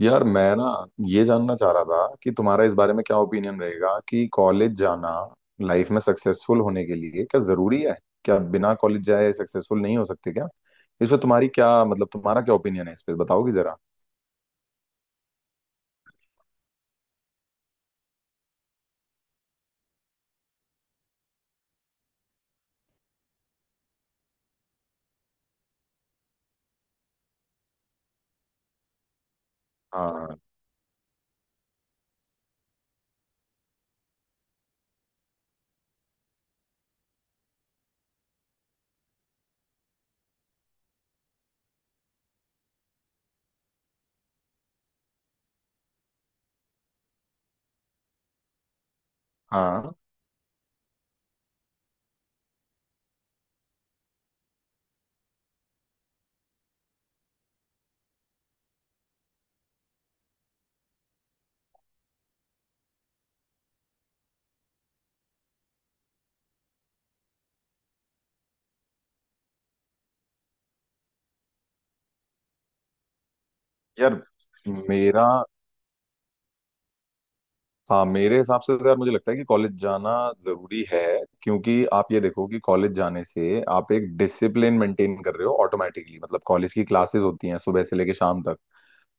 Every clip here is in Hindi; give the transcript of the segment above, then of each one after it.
यार मैं ना ये जानना चाह रहा था कि तुम्हारा इस बारे में क्या ओपिनियन रहेगा कि कॉलेज जाना लाइफ में सक्सेसफुल होने के लिए क्या जरूरी है। क्या बिना कॉलेज जाए सक्सेसफुल नहीं हो सकते क्या? इस पे तुम्हारी क्या मतलब तुम्हारा क्या ओपिनियन है इस पे बताओगी जरा। हाँ। हाँ, यार मेरा हाँ मेरे हिसाब से तो यार मुझे लगता है कि कॉलेज जाना जरूरी है। क्योंकि आप ये देखो कि कॉलेज जाने से आप एक डिसिप्लिन मेंटेन कर रहे हो ऑटोमेटिकली। मतलब कॉलेज की क्लासेस होती हैं सुबह से लेकर शाम तक।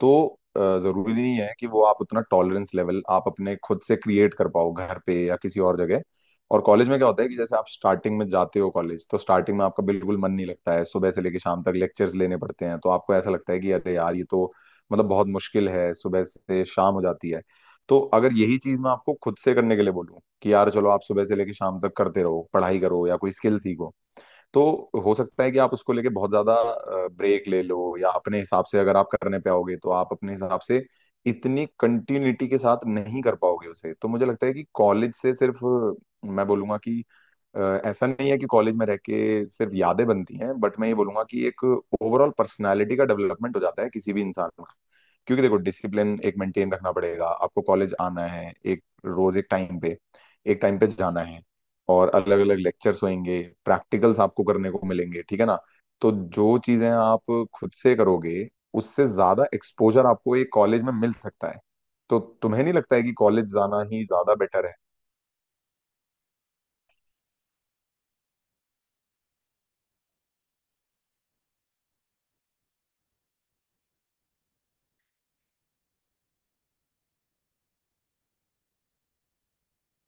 तो जरूरी नहीं है कि वो आप उतना टॉलरेंस लेवल आप अपने खुद से क्रिएट कर पाओ घर पे या किसी और जगह। और कॉलेज में क्या होता है कि जैसे आप स्टार्टिंग में जाते हो कॉलेज, तो स्टार्टिंग में आपका बिल्कुल मन नहीं लगता है, सुबह से लेकर शाम तक लेक्चर्स लेने पड़ते हैं, तो आपको ऐसा लगता है कि अरे यार ये तो मतलब बहुत मुश्किल है, सुबह से शाम हो जाती है। तो अगर यही चीज मैं आपको खुद से करने के लिए बोलूँ कि यार चलो आप सुबह से लेकर शाम तक करते रहो, पढ़ाई करो या कोई स्किल सीखो, तो हो सकता है कि आप उसको लेके बहुत ज्यादा ब्रेक ले लो, या अपने हिसाब से अगर आप करने पे आओगे तो आप अपने हिसाब से इतनी कंटिन्यूटी के साथ नहीं कर पाओगे उसे। तो मुझे लगता है कि कॉलेज से सिर्फ मैं बोलूंगा कि अ, ऐसा नहीं है कि कॉलेज में रह के सिर्फ यादें बनती हैं, बट मैं ये बोलूंगा कि एक ओवरऑल पर्सनालिटी का डेवलपमेंट हो जाता है किसी भी इंसान का। क्योंकि देखो डिसिप्लिन एक मेंटेन रखना पड़ेगा, आपको कॉलेज आना है एक रोज एक टाइम पे, एक टाइम पे जाना है, और अलग अलग लेक्चर्स होंगे, प्रैक्टिकल्स आपको करने को मिलेंगे, ठीक है ना? तो जो चीजें आप खुद से करोगे, उससे ज्यादा एक्सपोजर आपको एक कॉलेज में मिल सकता है। तो तुम्हें नहीं लगता है कि कॉलेज जाना ही ज्यादा बेटर है?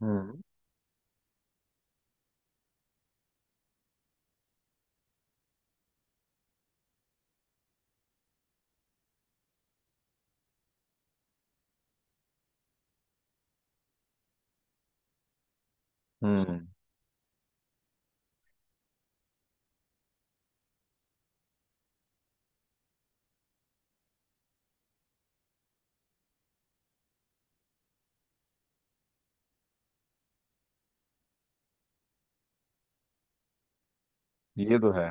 हम्म। हम्म। ये तो है।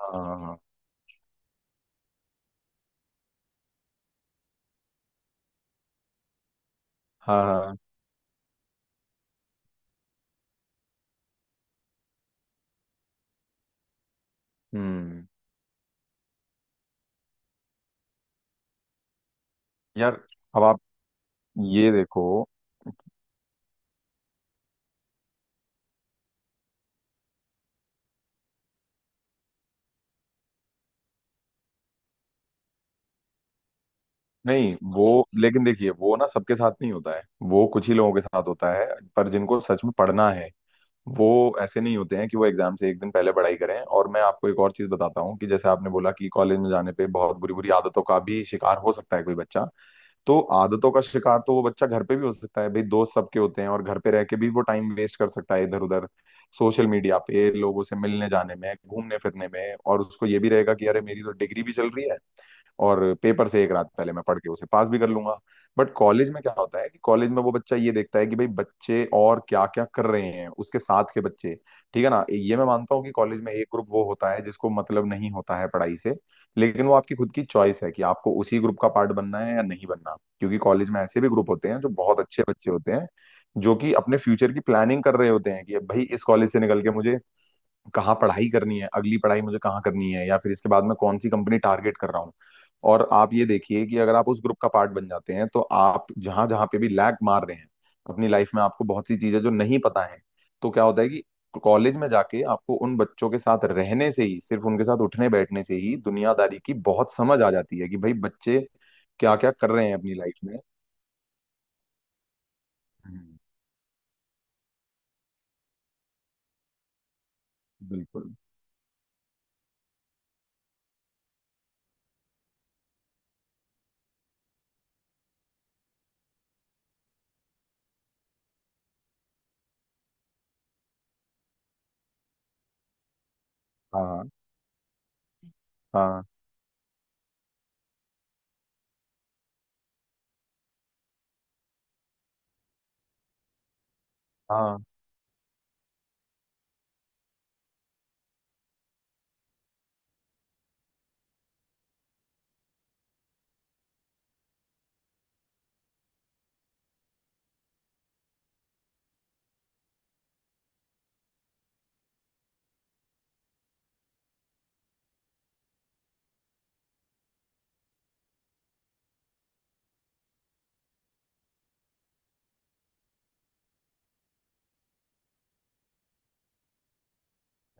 हाँ हाँ। हाँ। हम्म। यार, अब आप ये देखो। नहीं वो लेकिन देखिए वो ना सबके साथ नहीं होता है, वो कुछ ही लोगों के साथ होता है। पर जिनको सच में पढ़ना है, वो ऐसे नहीं होते हैं कि वो एग्जाम से एक दिन पहले पढ़ाई करें। और मैं आपको एक और चीज बताता हूँ कि जैसे आपने बोला कि कॉलेज में जाने पे बहुत बुरी बुरी आदतों का भी शिकार हो सकता है कोई बच्चा, तो आदतों का शिकार तो वो बच्चा घर पे भी हो सकता है भाई, दोस्त सबके होते हैं, और घर पे रह के भी वो टाइम वेस्ट कर सकता है इधर उधर, सोशल मीडिया पे, लोगों से मिलने जाने में, घूमने फिरने में। और उसको ये भी रहेगा कि अरे मेरी तो डिग्री भी चल रही है और पेपर से एक रात पहले मैं पढ़ के उसे पास भी कर लूंगा। बट कॉलेज में क्या होता है कि कॉलेज में वो बच्चा ये देखता है कि भाई बच्चे और क्या क्या कर रहे हैं उसके साथ के बच्चे। ठीक है ना, ये मैं मानता हूँ कि कॉलेज में एक ग्रुप वो होता है जिसको मतलब नहीं होता है पढ़ाई से, लेकिन वो आपकी खुद की चॉइस है कि आपको उसी ग्रुप का पार्ट बनना है या नहीं बनना। क्योंकि कॉलेज में ऐसे भी ग्रुप होते हैं जो बहुत अच्छे बच्चे होते हैं, जो कि अपने फ्यूचर की प्लानिंग कर रहे होते हैं कि भाई इस कॉलेज से निकल के मुझे कहाँ पढ़ाई करनी है, अगली पढ़ाई मुझे कहाँ करनी है, या फिर इसके बाद मैं कौन सी कंपनी टारगेट कर रहा हूँ। और आप ये देखिए कि अगर आप उस ग्रुप का पार्ट बन जाते हैं, तो आप जहां जहां पे भी लैग मार रहे हैं अपनी लाइफ में, आपको बहुत सी चीजें जो नहीं पता है, तो क्या होता है कि कॉलेज में जाके आपको उन बच्चों के साथ रहने से ही, सिर्फ उनके साथ उठने बैठने से ही दुनियादारी की बहुत समझ आ जाती है कि भाई बच्चे क्या क्या कर रहे हैं अपनी लाइफ में। हम्म। बिल्कुल। हाँ हाँ। हाँ हाँ।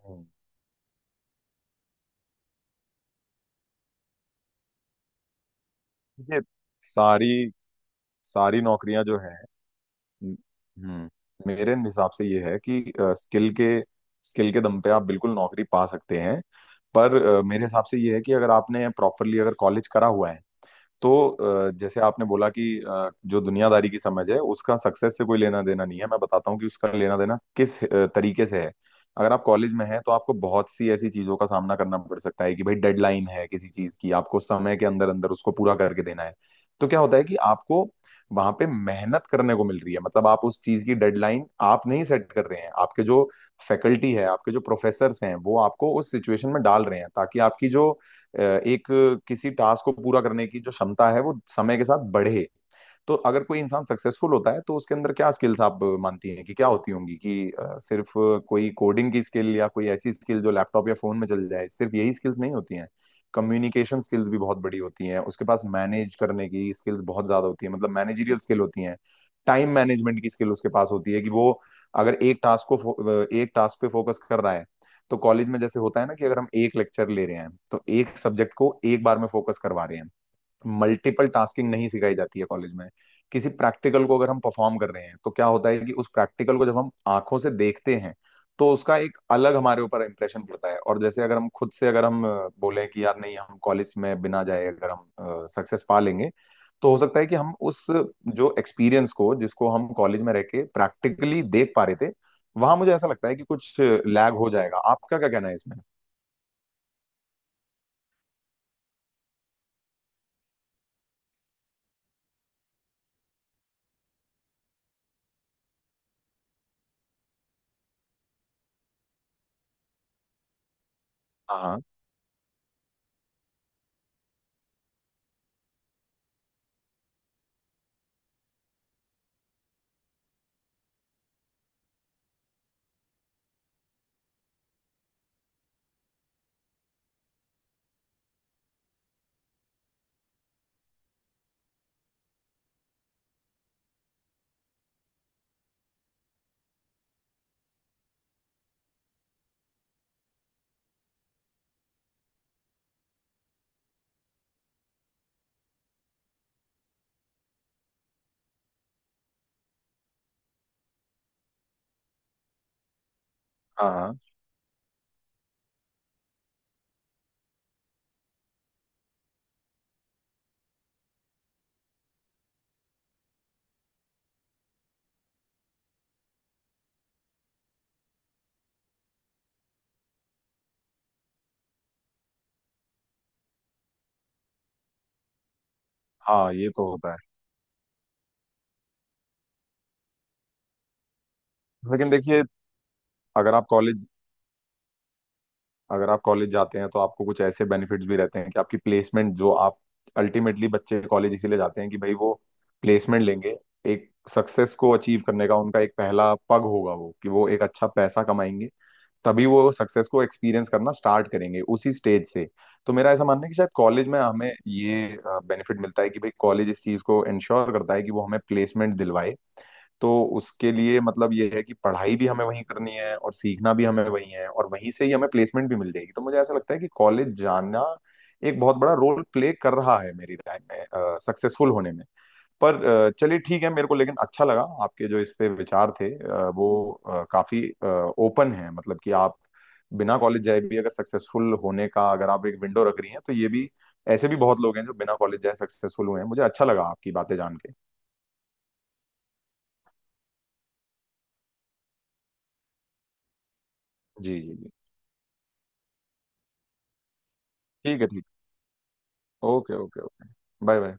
हम्म। ये सारी सारी नौकरियां जो हैं। हम्म हम्म। मेरे हिसाब से ये है कि स्किल के दम पे आप बिल्कुल नौकरी पा सकते हैं। पर मेरे हिसाब से ये है कि अगर आपने प्रॉपरली अगर कॉलेज करा हुआ है, तो जैसे आपने बोला कि जो दुनियादारी की समझ है उसका सक्सेस से कोई लेना देना नहीं है, मैं बताता हूँ कि उसका लेना देना किस तरीके से है। अगर आप कॉलेज में हैं तो आपको बहुत सी ऐसी चीजों का सामना करना पड़ सकता है कि भाई डेडलाइन है किसी चीज की, आपको समय के अंदर अंदर उसको पूरा करके देना है। तो क्या होता है कि आपको वहां पे मेहनत करने को मिल रही है, मतलब आप उस चीज की डेडलाइन आप नहीं सेट कर रहे हैं, आपके जो फैकल्टी है, आपके जो प्रोफेसर्स हैं, वो आपको उस सिचुएशन में डाल रहे हैं, ताकि आपकी जो अ, एक किसी टास्क को पूरा करने की जो क्षमता है वो समय के साथ बढ़े। तो अगर कोई इंसान सक्सेसफुल होता है तो उसके अंदर क्या स्किल्स आप मानती हैं कि क्या होती होंगी? कि सिर्फ कोई कोडिंग की स्किल या कोई ऐसी स्किल जो लैपटॉप या फोन में चल जाए, सिर्फ यही स्किल्स नहीं होती हैं। कम्युनिकेशन स्किल्स भी बहुत बड़ी होती हैं उसके पास, मैनेज करने की स्किल्स बहुत ज्यादा होती है, मतलब मैनेजरियल स्किल होती हैं, टाइम मैनेजमेंट की स्किल उसके पास होती है कि वो अगर एक टास्क को एक टास्क पे फोकस कर रहा है। तो कॉलेज में जैसे होता है ना कि अगर हम एक लेक्चर ले रहे हैं तो एक सब्जेक्ट को एक बार में फोकस करवा रहे हैं, मल्टीपल टास्किंग नहीं सिखाई जाती है कॉलेज में। किसी प्रैक्टिकल को अगर हम परफॉर्म कर रहे हैं तो क्या होता है कि उस प्रैक्टिकल को जब हम आंखों से देखते हैं, तो उसका एक अलग हमारे ऊपर इम्प्रेशन पड़ता है। और जैसे अगर हम खुद से अगर हम बोलें कि यार नहीं, हम कॉलेज में बिना जाए अगर हम सक्सेस पा लेंगे, तो हो सकता है कि हम उस जो एक्सपीरियंस को, जिसको हम कॉलेज में रह के प्रैक्टिकली देख पा रहे थे, वहां मुझे ऐसा लगता है कि कुछ लैग हो जाएगा। आपका क्या कहना है इसमें? हाँ हाँ। हाँ हाँ, ये तो होता है। लेकिन देखिए अगर आप कॉलेज अगर आप कॉलेज जाते हैं तो आपको कुछ ऐसे बेनिफिट्स भी रहते हैं कि आपकी प्लेसमेंट जो आप, अल्टीमेटली बच्चे कॉलेज इसीलिए जाते हैं कि भाई वो प्लेसमेंट लेंगे, एक सक्सेस को अचीव करने का उनका एक पहला पग होगा वो, कि वो एक अच्छा पैसा कमाएंगे, तभी वो सक्सेस को एक्सपीरियंस करना स्टार्ट करेंगे उसी स्टेज से। तो मेरा ऐसा मानना है कि शायद कॉलेज में हमें ये बेनिफिट मिलता है कि भाई कॉलेज इस चीज को इंश्योर करता है कि वो हमें प्लेसमेंट दिलवाए। तो उसके लिए मतलब ये है कि पढ़ाई भी हमें वहीं करनी है और सीखना भी हमें वहीं है और वहीं से ही हमें प्लेसमेंट भी मिल जाएगी, तो मुझे ऐसा लगता है कि कॉलेज जाना एक बहुत बड़ा रोल प्ले कर रहा है मेरी लाइफ में सक्सेसफुल होने में। पर चलिए ठीक है मेरे को, लेकिन अच्छा लगा आपके जो इस पे विचार थे, वो काफी ओपन है, मतलब कि आप बिना कॉलेज जाए भी अगर सक्सेसफुल होने का अगर आप एक विंडो रख रही हैं, तो ये भी, ऐसे भी बहुत लोग हैं जो बिना कॉलेज जाए सक्सेसफुल हुए हैं। मुझे अच्छा लगा आपकी बातें जान के। जी जी जी। ठीक है, ठीक है। Okay okay okay. Bye bye.